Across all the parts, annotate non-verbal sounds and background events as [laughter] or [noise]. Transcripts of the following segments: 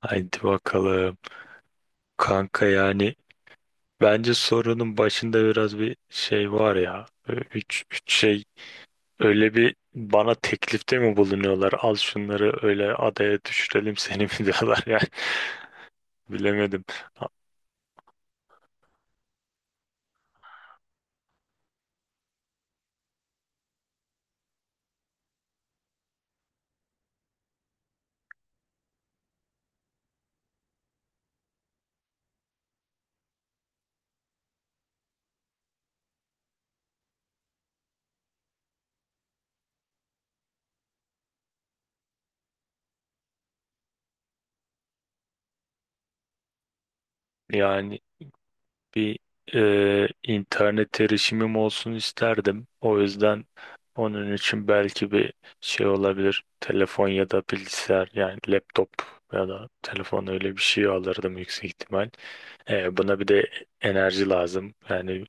Haydi bakalım. Kanka yani bence sorunun başında biraz bir şey var ya. Üç şey öyle bir bana teklifte mi bulunuyorlar? Al şunları öyle adaya düşürelim seni mi [laughs] diyorlar yani. Bilemedim. Yani bir internet erişimim olsun isterdim. O yüzden onun için belki bir şey olabilir. Telefon ya da bilgisayar yani laptop ya da telefon öyle bir şey alırdım yüksek ihtimal. Buna bir de enerji lazım. Yani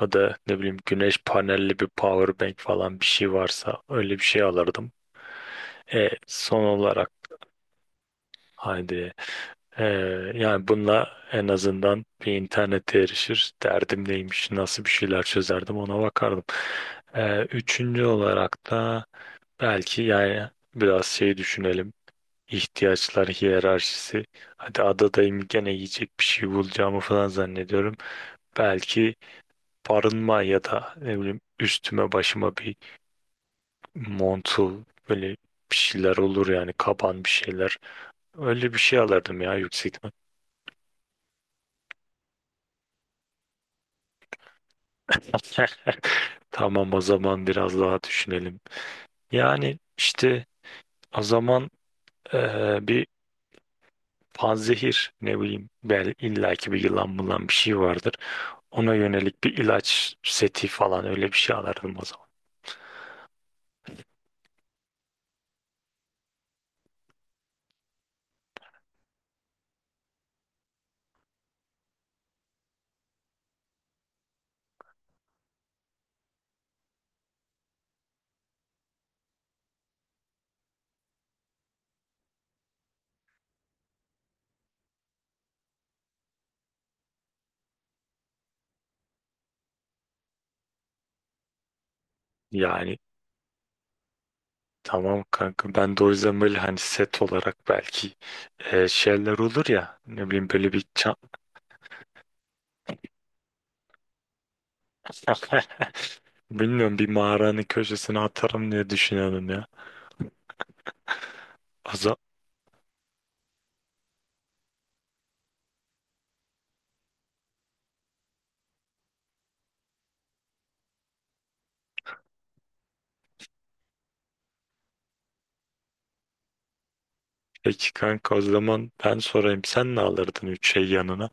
o da ne bileyim güneş panelli bir power bank falan bir şey varsa öyle bir şey alırdım. Son olarak haydi e, yani bununla en azından bir internete erişir. Derdim neymiş, nasıl bir şeyler çözerdim ona bakardım. Üçüncü olarak da belki yani biraz şey düşünelim. İhtiyaçlar hiyerarşisi. Hadi adadayım gene yiyecek bir şey bulacağımı falan zannediyorum belki barınma ya da ne bileyim üstüme başıma bir montul böyle bir şeyler olur yani kaban bir şeyler. Öyle bir şey alırdım ya yüksek ihtimal. [laughs] Tamam o zaman biraz daha düşünelim. Yani işte o zaman bir panzehir ne bileyim bel illaki bir yılan bulan bir şey vardır. Ona yönelik bir ilaç seti falan öyle bir şey alırdım o zaman. Yani tamam kanka ben de o yüzden böyle hani set olarak belki şeyler olur ya ne bileyim böyle bir çan [laughs] bilmiyorum bir mağaranın köşesine atarım diye düşünüyorum ya. O zaman, peki kanka o zaman ben sorayım sen ne alırdın üç şey yanına?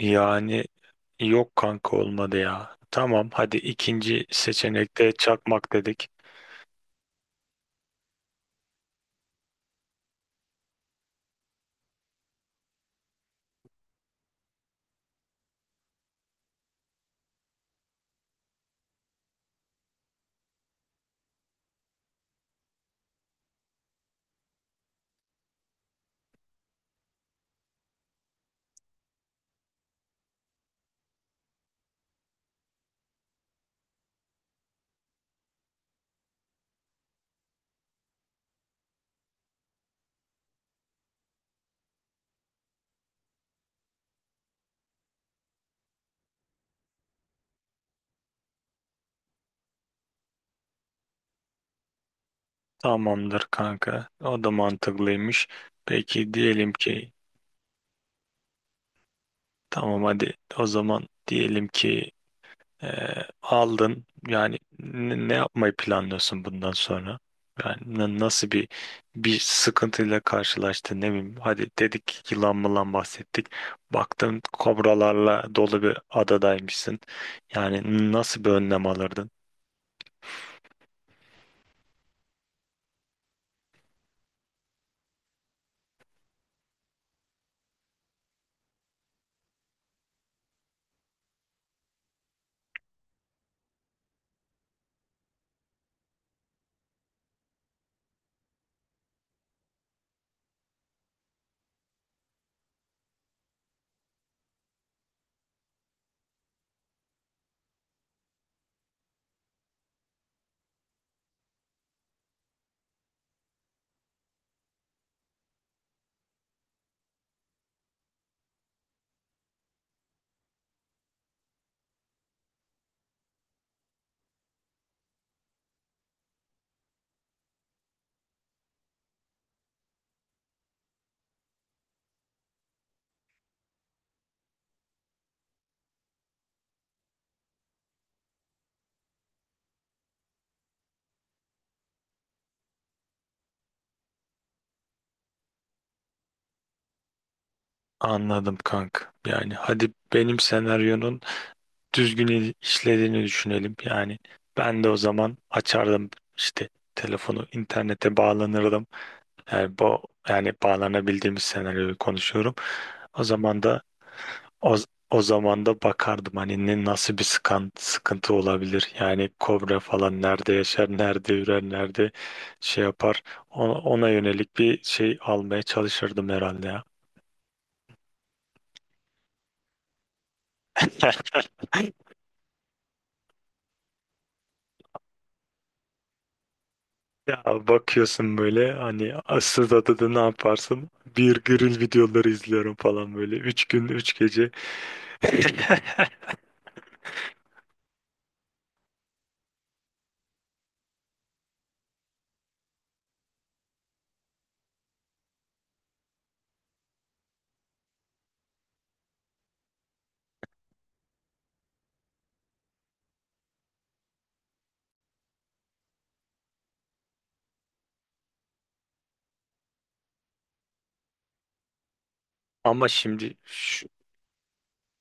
Yani yok kanka olmadı ya. Tamam hadi ikinci seçenekte çakmak dedik. Tamamdır kanka. O da mantıklıymış. Peki diyelim ki tamam hadi o zaman diyelim ki e, aldın yani ne yapmayı planlıyorsun bundan sonra? Yani nasıl bir bir sıkıntıyla karşılaştın ne bileyim hadi dedik yılan mılan bahsettik baktın kobralarla dolu bir adadaymışsın yani nasıl bir önlem alırdın? Anladım kanka yani hadi benim senaryonun düzgün işlediğini düşünelim. Yani ben de o zaman açardım işte telefonu internete bağlanırdım. Yani bu yani bağlanabildiğimiz senaryoyu konuşuyorum. O zaman da o, o zaman da bakardım hani ne nasıl bir sıkıntı olabilir. Yani kobra falan nerede yaşar, nerede ürer, nerede şey yapar. Ona yönelik bir şey almaya çalışırdım herhalde ya. [laughs] Ya bakıyorsun böyle hani asıl adı da ne yaparsın? Bir grill videoları izliyorum falan böyle. Üç gün, üç gece. [laughs] Ama şimdi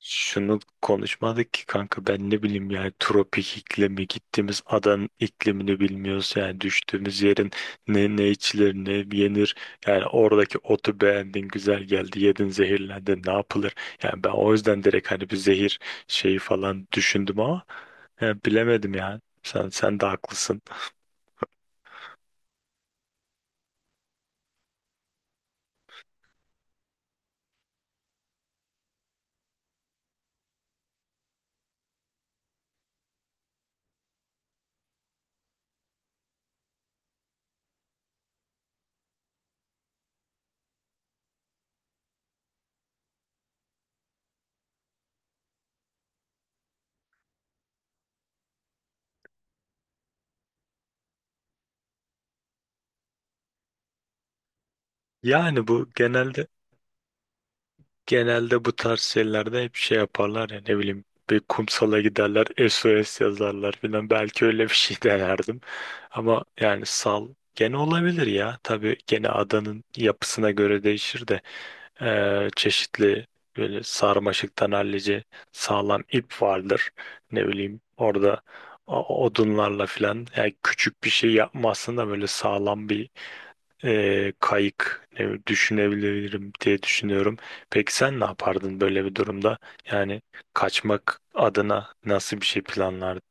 şunu konuşmadık ki kanka ben ne bileyim yani tropik iklimi gittiğimiz adanın iklimini bilmiyoruz yani düştüğümüz yerin ne ne içilir ne yenir yani oradaki otu beğendin güzel geldi yedin zehirlendin ne yapılır yani ben o yüzden direkt hani bir zehir şeyi falan düşündüm ama ya bilemedim yani. Sen de haklısın. Yani bu genelde genelde bu tarz şeylerde hep şey yaparlar ya ne bileyim bir kumsala giderler SOS yazarlar filan belki öyle bir şey [laughs] denerdim. Ama yani sal gene olabilir ya. Tabii gene adanın yapısına göre değişir de çeşitli böyle sarmaşıktan hallice sağlam ip vardır. Ne bileyim orada odunlarla filan yani küçük bir şey yapmazsın da böyle sağlam bir kayık düşünebilirim diye düşünüyorum. Peki sen ne yapardın böyle bir durumda? Yani kaçmak adına nasıl bir şey planlardın?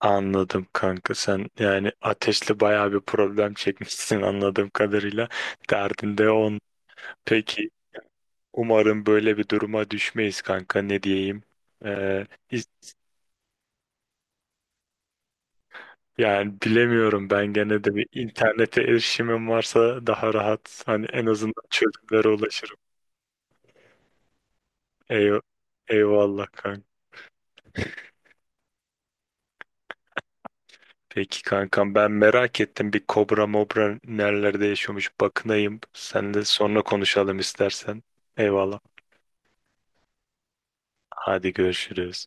Anladım kanka sen yani ateşle bayağı bir problem çekmişsin [laughs] anladığım kadarıyla. Derdin de on. Peki umarım böyle bir duruma düşmeyiz kanka ne diyeyim. Ee, hiç- yani bilemiyorum ben gene de bir internete erişimim varsa daha rahat hani en azından çözümlere ulaşırım. Eyv- eyvallah kanka. Peki kankam ben merak ettim bir kobra mobra nerelerde yaşıyormuş bakınayım. Sen de sonra konuşalım istersen. Eyvallah. Hadi görüşürüz.